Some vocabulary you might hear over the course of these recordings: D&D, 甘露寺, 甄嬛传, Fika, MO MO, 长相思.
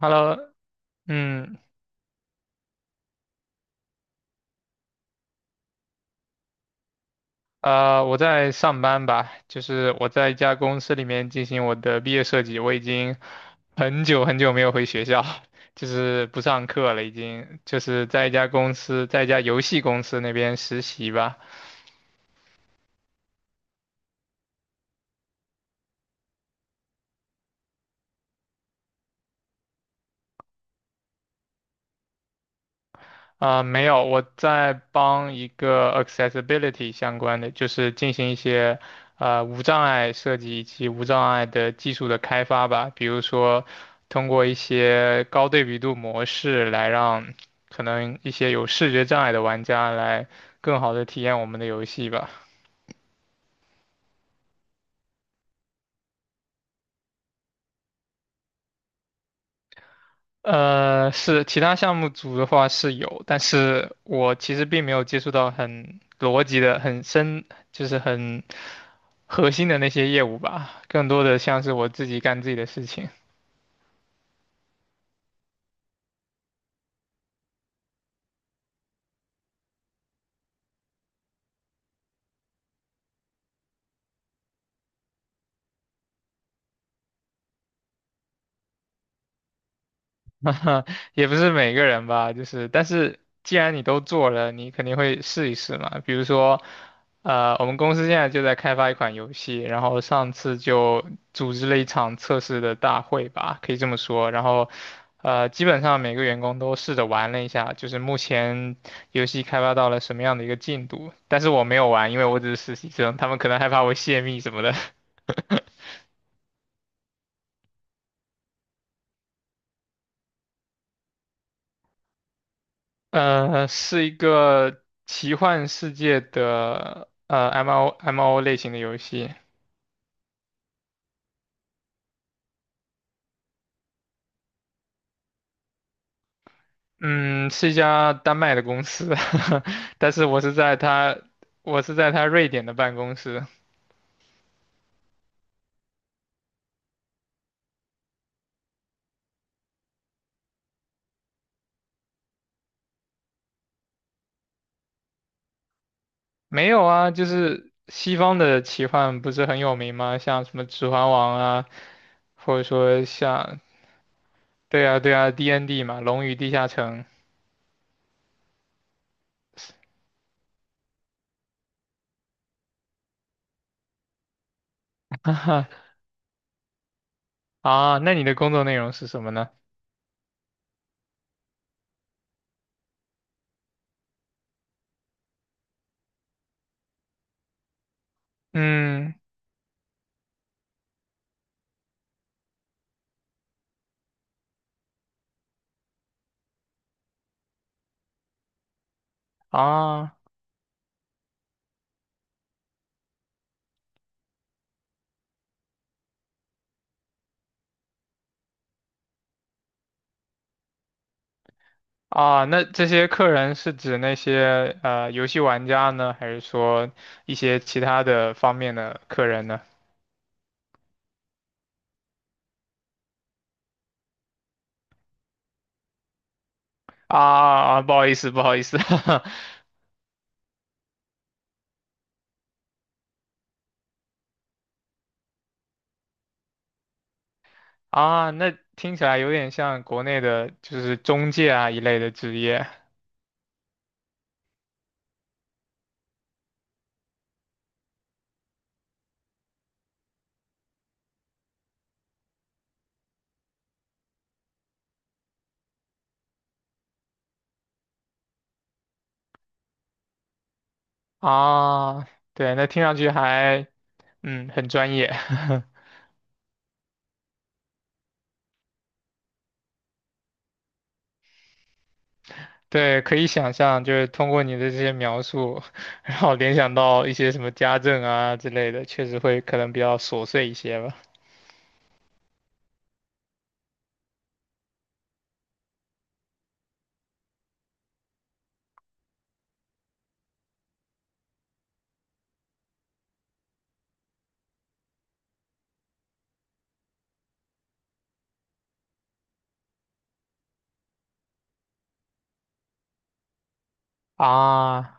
Hello，嗯，我在上班吧，就是我在一家公司里面进行我的毕业设计，我已经很久没有回学校，就是不上课了，已经就是在一家公司，在一家游戏公司那边实习吧。没有，我在帮一个 accessibility 相关的，就是进行一些无障碍设计以及无障碍的技术的开发吧。比如说，通过一些高对比度模式来让可能一些有视觉障碍的玩家来更好的体验我们的游戏吧。是其他项目组的话是有，但是我其实并没有接触到很逻辑的、很深，就是很。核心的那些业务吧，更多的像是我自己干自己的事情。也不是每个人吧，但是既然你都做了，你肯定会试一试嘛。比如说，我们公司现在就在开发一款游戏，然后上次就组织了一场测试的大会吧，可以这么说。然后，基本上每个员工都试着玩了一下，就是目前游戏开发到了什么样的一个进度。但是我没有玩，因为我只是实习生，他们可能害怕我泄密什么的。是一个奇幻世界的MO MO 类型的游戏。嗯，是一家丹麦的公司，但是我是在他瑞典的办公室。没有啊，就是西方的奇幻不是很有名吗？像什么《指环王》啊，或者说像对啊对啊 D&D N D 嘛，《龙与地下城》。啊。那你的工作内容是什么呢？嗯。啊。啊，那这些客人是指那些游戏玩家呢，还是说一些其他的方面的客人呢？啊,不好意思，不好意思。啊，那听起来有点像国内的，就是中介啊一类的职业。啊。对，那听上去还嗯很专业。对，可以想象，就是通过你的这些描述，然后联想到一些什么家政啊之类的，确实会可能比较琐碎一些吧。啊，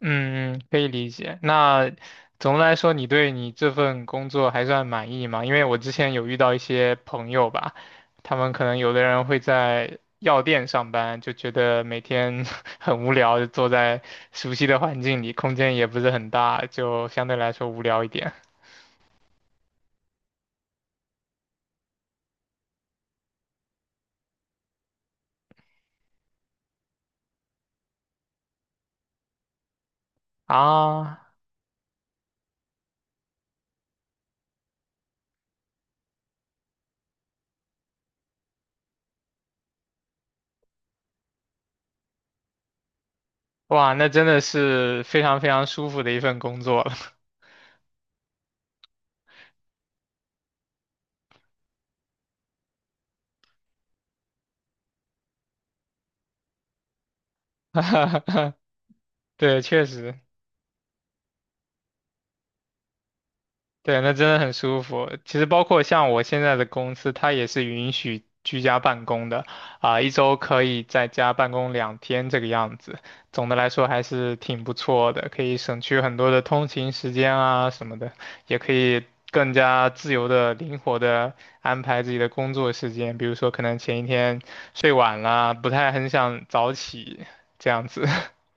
嗯，嗯可以理解。那总的来说，你对你这份工作还算满意吗？因为我之前有遇到一些朋友吧，他们可能有的人会在药店上班，就觉得每天 很无聊，就坐在熟悉的环境里，空间也不是很大，就相对来说无聊一点。啊，哇，那真的是非常舒服的一份工作了。对，确实。对，那真的很舒服。其实包括像我现在的公司，它也是允许居家办公的，一周可以在家办公2天这个样子。总的来说还是挺不错的，可以省去很多的通勤时间啊什么的，也可以更加自由的、灵活的安排自己的工作时间。比如说，可能前一天睡晚了，不太很想早起，这样子。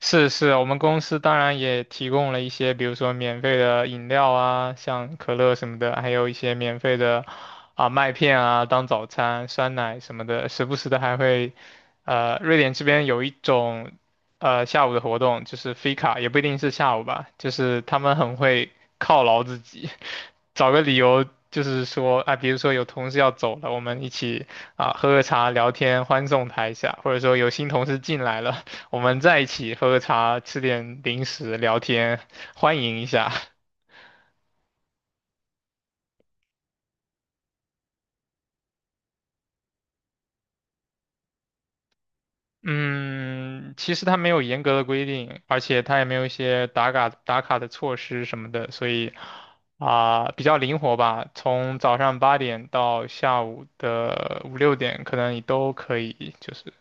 是是，我们公司当然也提供了一些，比如说免费的饮料啊，像可乐什么的，还有一些免费的麦片啊当早餐，酸奶什么的，时不时的还会，瑞典这边有一种下午的活动，就是 Fika，也不一定是下午吧，就是他们很会犒劳自己，找个理由。就是说啊，比如说有同事要走了，我们一起喝喝茶、聊天，欢送他一下；或者说有新同事进来了，我们在一起喝个茶，吃点零食，聊天，欢迎一下。嗯，其实它没有严格的规定，而且它也没有一些打卡的措施什么的，所以啊，比较灵活吧。从早上8点到下午的5、6点，可能你都可以，就是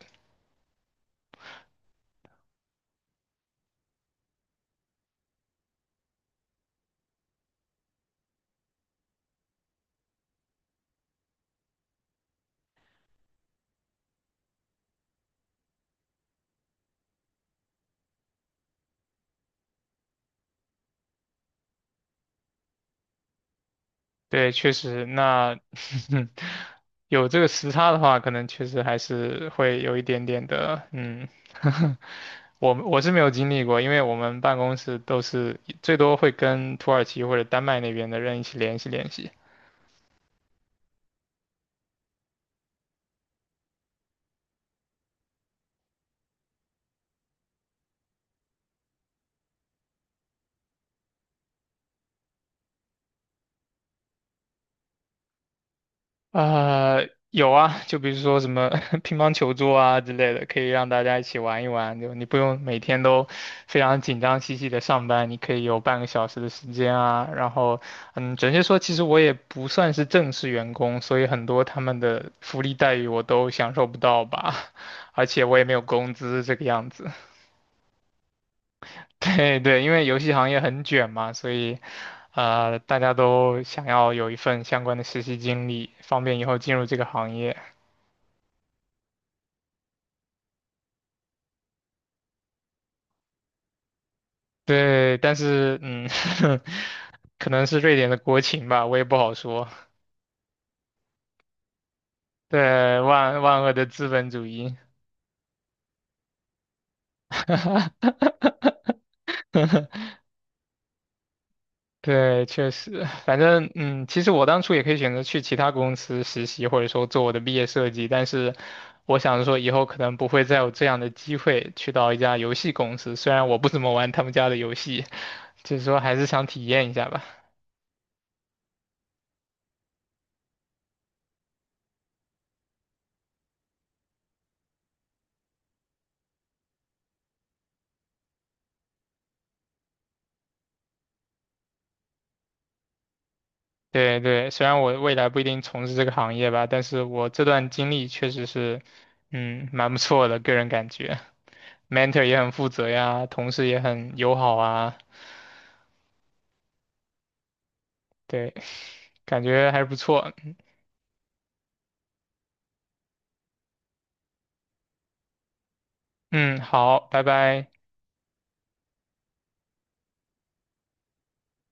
对，确实，那 有这个时差的话，可能确实还是会有一点点的，嗯，我是没有经历过，因为我们办公室都是最多会跟土耳其或者丹麦那边的人一起联系。有啊，就比如说什么 乒乓球桌啊之类的，可以让大家一起玩一玩。就你不用每天都非常紧张兮兮的上班，你可以有半个小时的时间啊。然后，嗯，准确说，其实我也不算是正式员工，所以很多他们的福利待遇我都享受不到吧，而且我也没有工资这个样子。对对，因为游戏行业很卷嘛，所以。大家都想要有一份相关的实习经历，方便以后进入这个行业。对，但是嗯。可能是瑞典的国情吧，我也不好说。对，万万恶的资本主义。对，确实，反正嗯，其实我当初也可以选择去其他公司实习，或者说做我的毕业设计，但是我想着说以后可能不会再有这样的机会去到一家游戏公司，虽然我不怎么玩他们家的游戏，就是说还是想体验一下吧。对对，虽然我未来不一定从事这个行业吧，但是我这段经历确实是，嗯，蛮不错的，个人感觉，mentor 也很负责呀，同事也很友好啊，对，感觉还是不错。嗯，好，拜拜。